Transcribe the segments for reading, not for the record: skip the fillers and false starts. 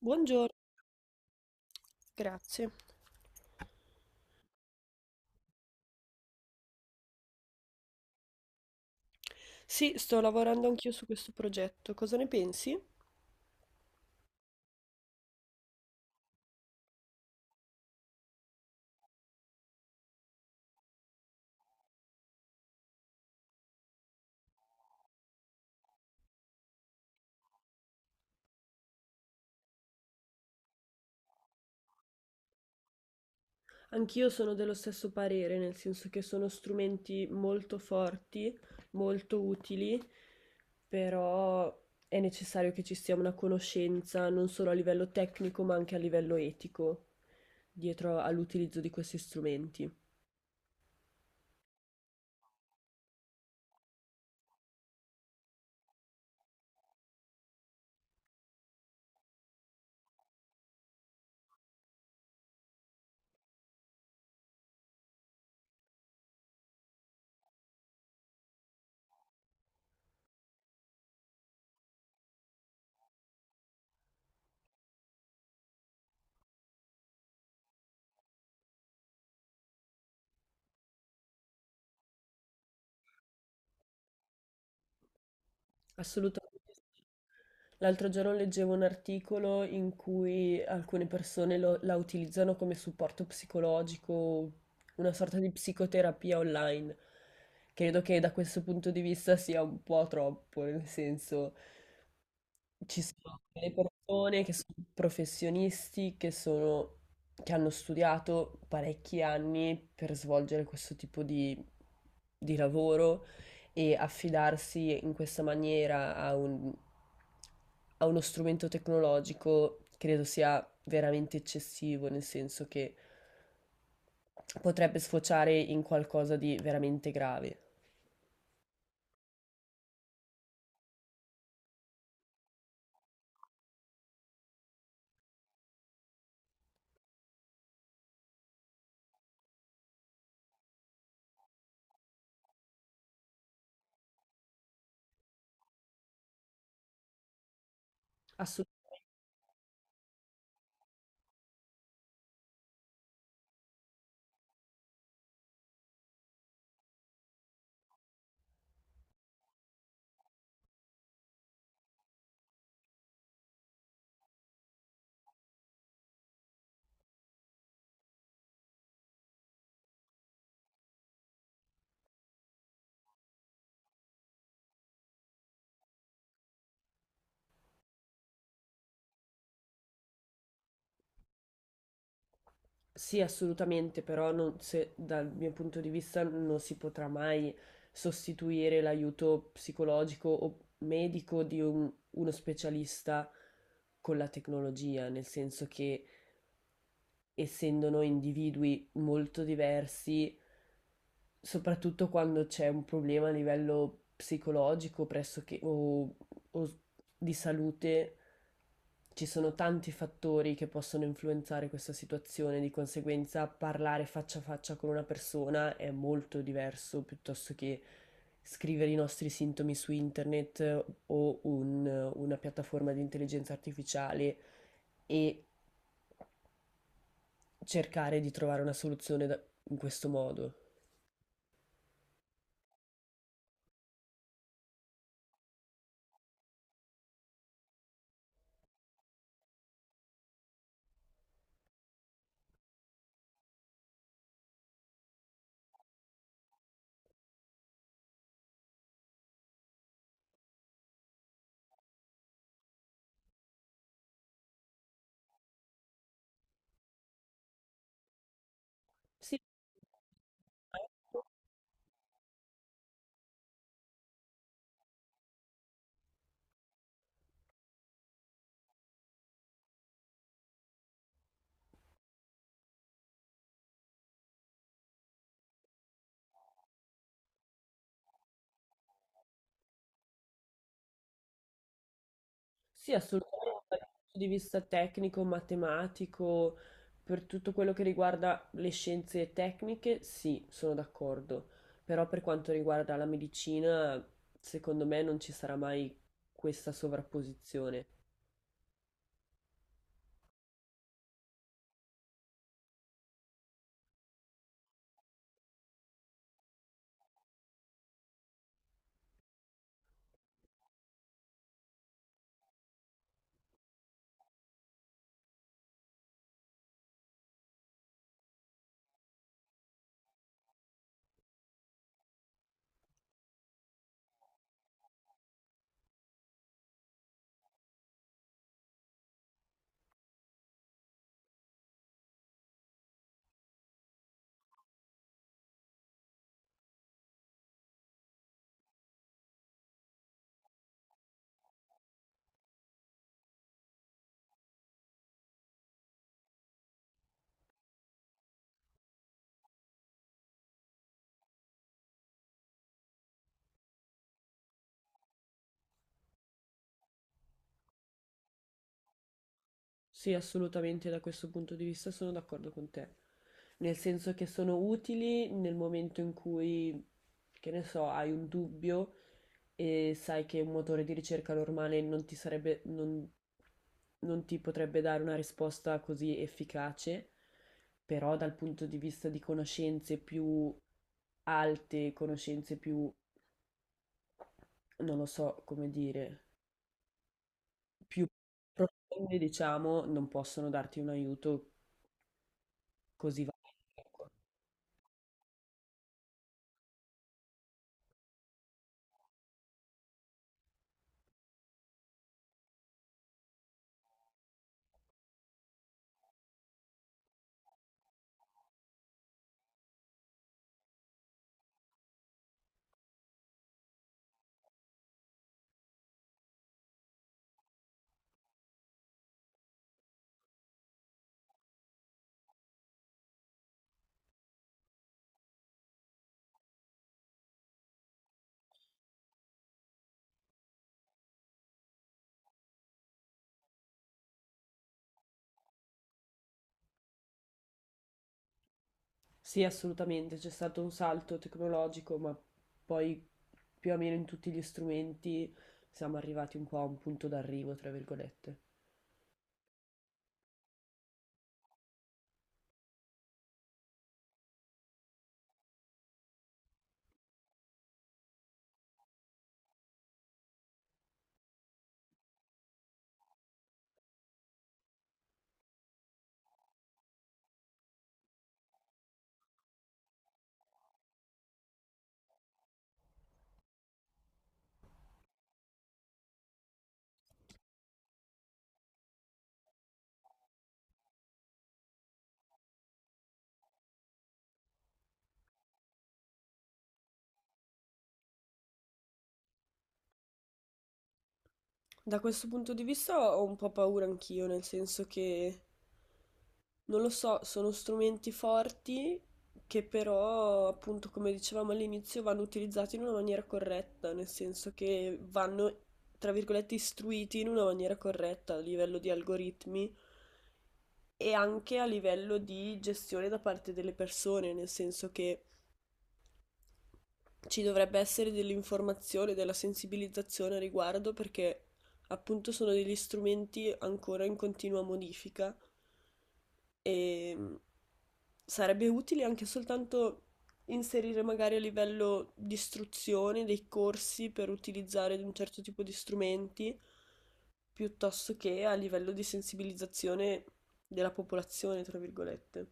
Buongiorno, grazie. Sì, sto lavorando anch'io su questo progetto. Cosa ne pensi? Anch'io sono dello stesso parere, nel senso che sono strumenti molto forti, molto utili, però è necessario che ci sia una conoscenza non solo a livello tecnico, ma anche a livello etico dietro all'utilizzo di questi strumenti. Assolutamente, sì. L'altro giorno leggevo un articolo in cui alcune persone la utilizzano come supporto psicologico, una sorta di psicoterapia online. Credo che da questo punto di vista sia un po' troppo, nel senso, ci sono le persone che sono professionisti, che sono, che hanno studiato parecchi anni per svolgere questo tipo di lavoro e affidarsi in questa maniera a a uno strumento tecnologico credo sia veramente eccessivo, nel senso che potrebbe sfociare in qualcosa di veramente grave. Assolutamente. Sì, assolutamente, però non, se, dal mio punto di vista non si potrà mai sostituire l'aiuto psicologico o medico di uno specialista con la tecnologia, nel senso che essendo noi individui molto diversi, soprattutto quando c'è un problema a livello psicologico pressoché o di salute, ci sono tanti fattori che possono influenzare questa situazione, di conseguenza parlare faccia a faccia con una persona è molto diverso piuttosto che scrivere i nostri sintomi su internet o una piattaforma di intelligenza artificiale e cercare di trovare una soluzione in questo modo. Sì, sì, assolutamente dal punto di vista tecnico, matematico, per tutto quello che riguarda le scienze tecniche, sì, sono d'accordo. Però per quanto riguarda la medicina, secondo me non ci sarà mai questa sovrapposizione. Sì, assolutamente da questo punto di vista sono d'accordo con te. Nel senso che sono utili nel momento in cui, che ne so, hai un dubbio e sai che un motore di ricerca normale non ti sarebbe, non, non ti potrebbe dare una risposta così efficace, però dal punto di vista di conoscenze più alte, conoscenze più, non lo so come dire, più profonde, diciamo, non possono darti un aiuto così valido, ecco. Sì, assolutamente, c'è stato un salto tecnologico, ma poi più o meno in tutti gli strumenti siamo arrivati un po' a un punto d'arrivo, tra virgolette. Da questo punto di vista ho un po' paura anch'io, nel senso che, non lo so, sono strumenti forti che però, appunto, come dicevamo all'inizio, vanno utilizzati in una maniera corretta, nel senso che vanno, tra virgolette, istruiti in una maniera corretta a livello di algoritmi e anche a livello di gestione da parte delle persone, nel senso che ci dovrebbe essere dell'informazione, della sensibilizzazione a riguardo perché appunto sono degli strumenti ancora in continua modifica e sarebbe utile anche soltanto inserire magari a livello di istruzione dei corsi per utilizzare un certo tipo di strumenti piuttosto che a livello di sensibilizzazione della popolazione, tra virgolette.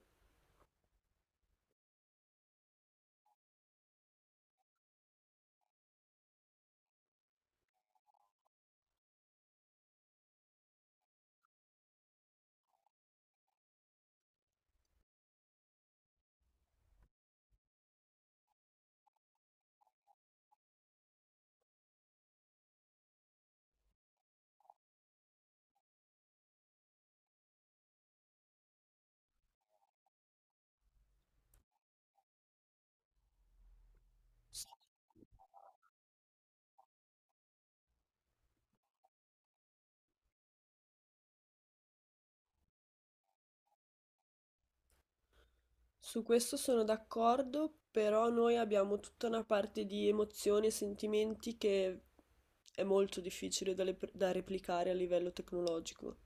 Su questo sono d'accordo, però noi abbiamo tutta una parte di emozioni e sentimenti che è molto difficile da, da replicare a livello tecnologico,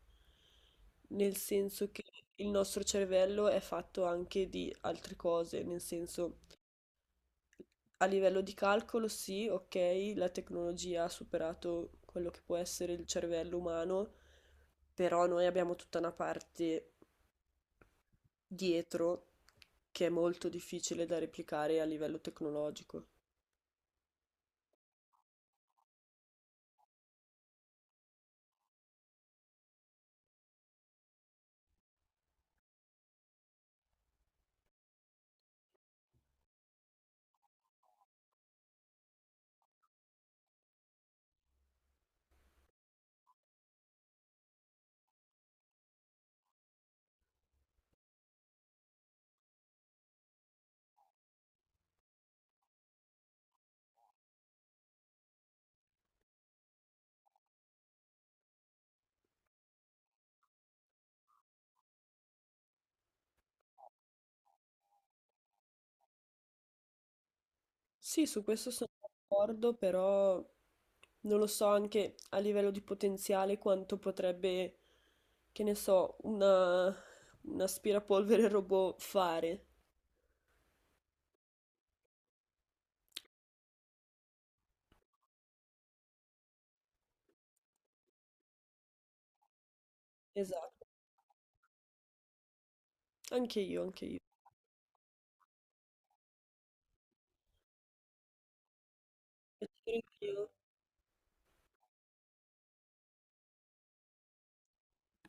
nel senso che il nostro cervello è fatto anche di altre cose, nel senso a livello di calcolo sì, ok, la tecnologia ha superato quello che può essere il cervello umano, però noi abbiamo tutta una parte dietro che è molto difficile da replicare a livello tecnologico. Sì, su questo sono d'accordo, però non lo so anche a livello di potenziale quanto potrebbe, che ne so, una, un aspirapolvere robot fare. Esatto, anche io, anche io.